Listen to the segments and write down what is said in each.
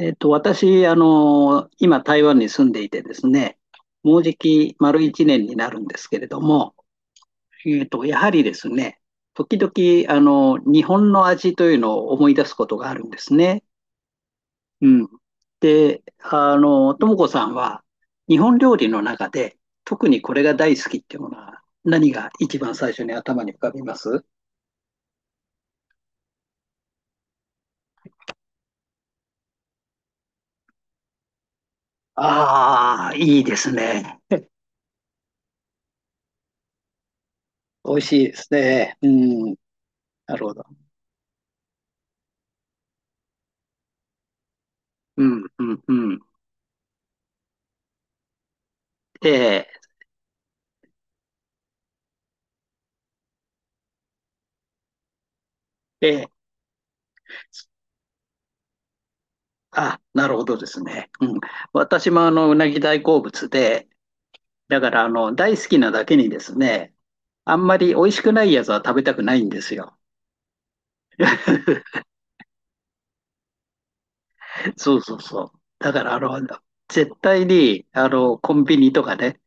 私、今、台湾に住んでいてですね、もうじき丸一年になるんですけれども、やはりですね、時々、日本の味というのを思い出すことがあるんですね。うん。で、ともこさんは、日本料理の中で、特にこれが大好きっていうものは、何が一番最初に頭に浮かびます？ああー、いいですね。美味しいですね。うん。なるほど。うん、うん、うん。えええーあ、なるほどですね。うん。私もうなぎ大好物で、だから大好きなだけにですね、あんまり美味しくないやつは食べたくないんですよ。そうそうそう。だから絶対に、コンビニとかね、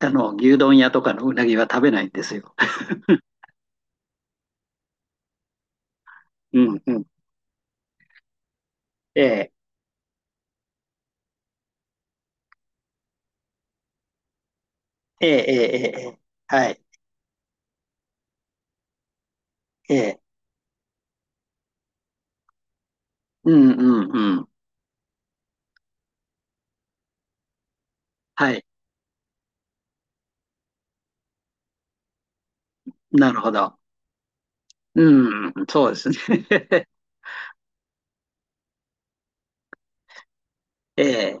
牛丼屋とかのうなぎは食べないんですよ。うんうん。ええ、ええ、ええ、ええ、はい。ええ、うんうんうん。はい。なるほど。うん、そうですね。ええ。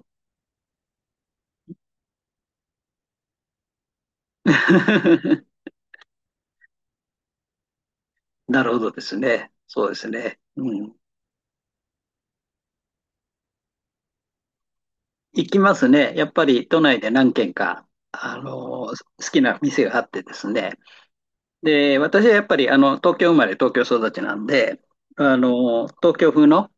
なるほどですね。そうですね。うん。行きますね。やっぱり都内で何軒か、好きな店があってですね。で、私はやっぱり、東京生まれ、東京育ちなんで、東京風の、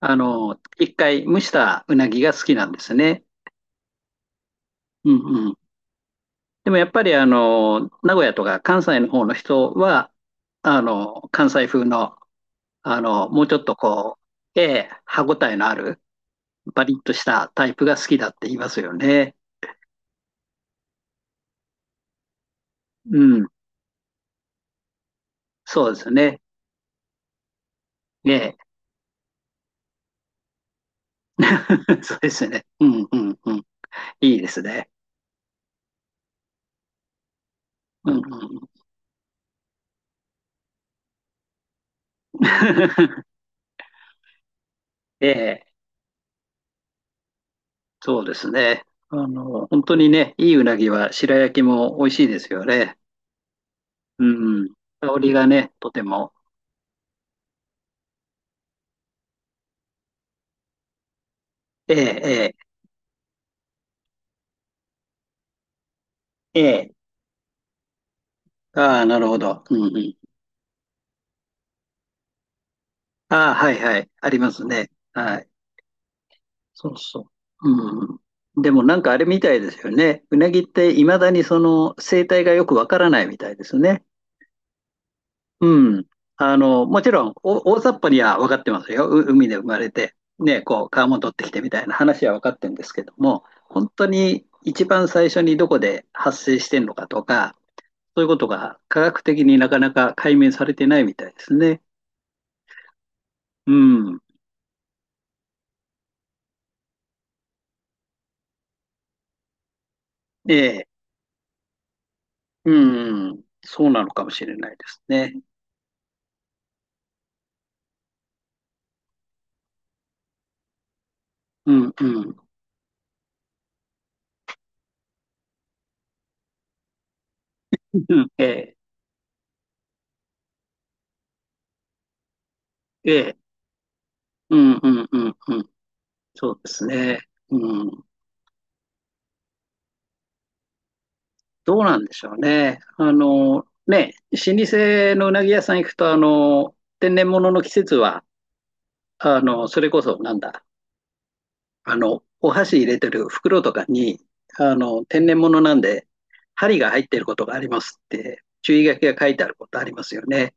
一回蒸したうなぎが好きなんですね。うんうん。でもやっぱり、名古屋とか関西の方の人は、関西風の、もうちょっとこう、ええ、歯ごたえのある、バリッとしたタイプが好きだって言いますよね。うん。そうですね。ねえ。そうですね。うんうんうん。いいですね。うんうん。ええ。そうですね。本当にね、いいうなぎは白焼きも美味しいですよね。うん。香りがね、とても。ええ、ええ、ええ。ああ、なるほど。うんうん。ああ、はいはい。ありますね。はい。そうそう。うん。でもなんかあれみたいですよね。うなぎっていまだにその生態がよくわからないみたいですね。うん。もちろん、お大雑把には分かってますよ。海で生まれて、ね、こう、川も取ってきてみたいな話は分かってるんですけども、本当に一番最初にどこで発生してんのかとか、そういうことが科学的になかなか解明されてないみたいですね。うん。ええ。うん。そうなのかもしれないですね。うん、うん。うん、ええ。ええ、うんうんうんうん、そうですね。うん、どうなんでしょうね。ね、老舗のうなぎ屋さん行くと、天然物の季節は、それこそ、なんだ、お箸入れてる袋とかに、天然物なんで、針が入ってることがありますって、注意書きが書いてあることありますよね。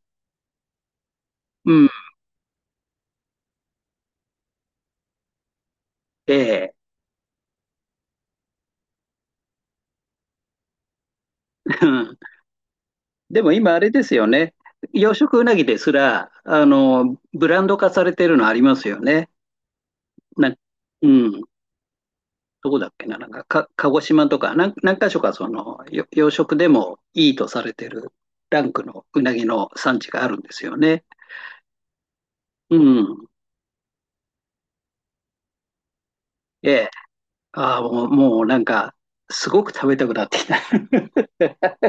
うん、ええ。うん。でも今あれですよね。養殖うなぎですら、ブランド化されてるのありますよね。な、うん、どこだっけな、なんか、鹿児島とか、何か所かその、養殖でもいいとされてるランクのうなぎの産地があるんですよね。うん。ええ。ああ、もう、もうなんか、すごく食べたくなってきた。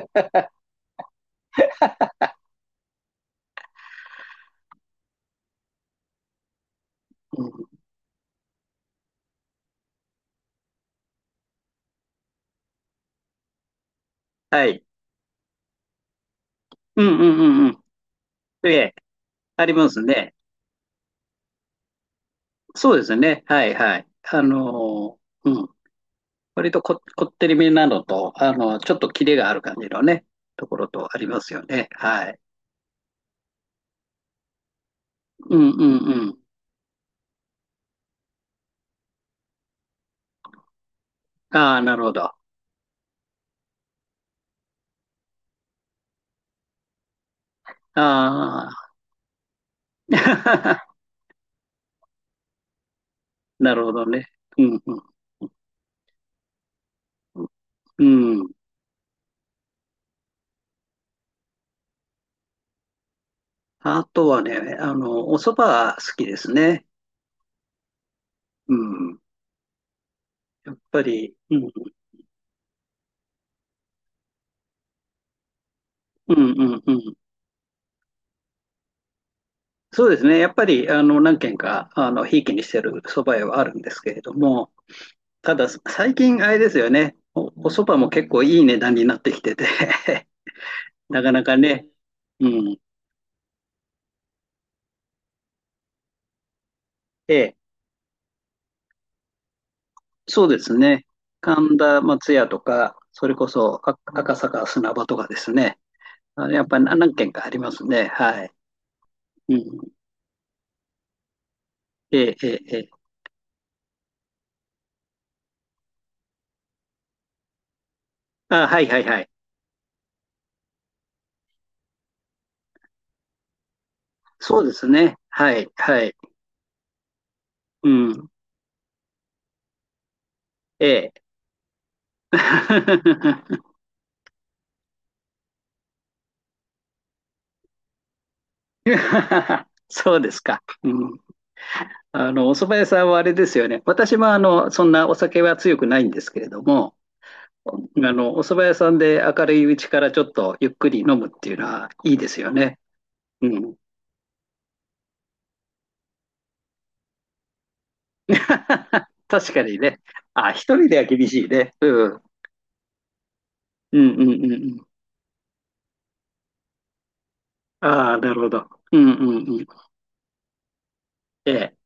うん、はい。うんうんうんうん。ええ、ありますね。そうですね。はいはい。うん。割とこってりめなのと、ちょっとキレがある感じのね、ところとありますよね。はい。うんうんうん。ああ、なるほど。ああ、なるほどね。うん、うん。うん。あとはね、お蕎麦は好きですね。うん。やっぱり、うん、うん、うん、うん。そうですね。やっぱり、何軒か、ひいきにしてる蕎麦屋はあるんですけれども、ただ、最近、あれですよね。お蕎麦も結構いい値段になってきてて なかなかね。うん。ええ、そうですね。神田松屋とか、それこそ赤坂砂場とかですね。やっぱり何軒かありますね。はい。うん。ええ、ええ、ええ。あ、はいはいはい。そうですね。はい、はい。うん。ええ。そうですか。うん。お蕎麦屋さんはあれですよね。私もそんなお酒は強くないんですけれども、あお蕎麦屋さんで明るいうちからちょっとゆっくり飲むっていうのはいいですよね。うん。確かにね。あ、一人では厳しいね。うん。うんうんうんうん。ああ、なるほど。うんうんうん。ええ。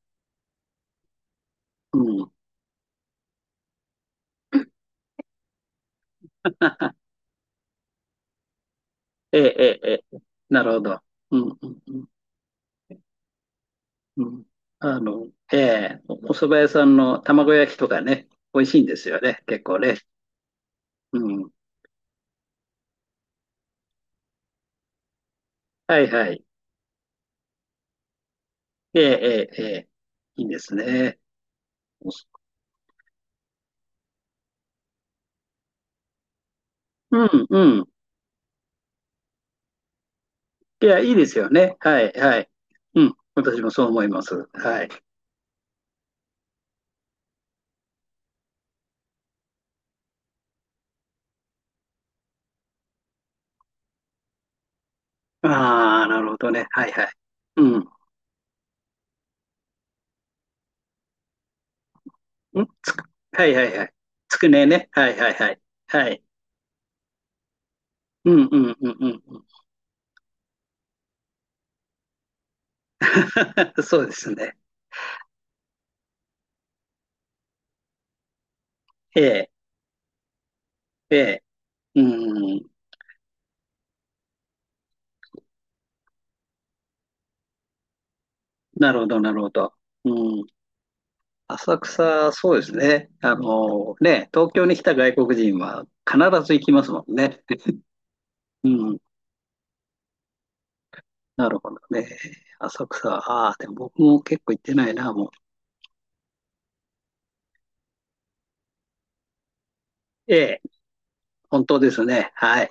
うん。ええええ。ええ、なるほど。うんうんうんうん。ええ、お蕎麦屋さんの卵焼きとかね、美味しいんですよね。結構ね。うん。はいはい。ええええええ。いいですね。そう、んうん。いや、いいですよね。はいはい。うん。私もそう思います。はい。ああ、なるほどね。はいはい。うん。んつく、はいはいはい。つくねね。はいはいはい。はい。うんうんうんうんうん。そうですね。ええ、ええ。うん。なるほど、なるほど。うん。浅草、そうですね。ね、東京に来た外国人は必ず行きますもんね。うん。なるほどね。浅草、ああ、でも僕も結構行ってないな、もう。ええ、本当ですね。はい。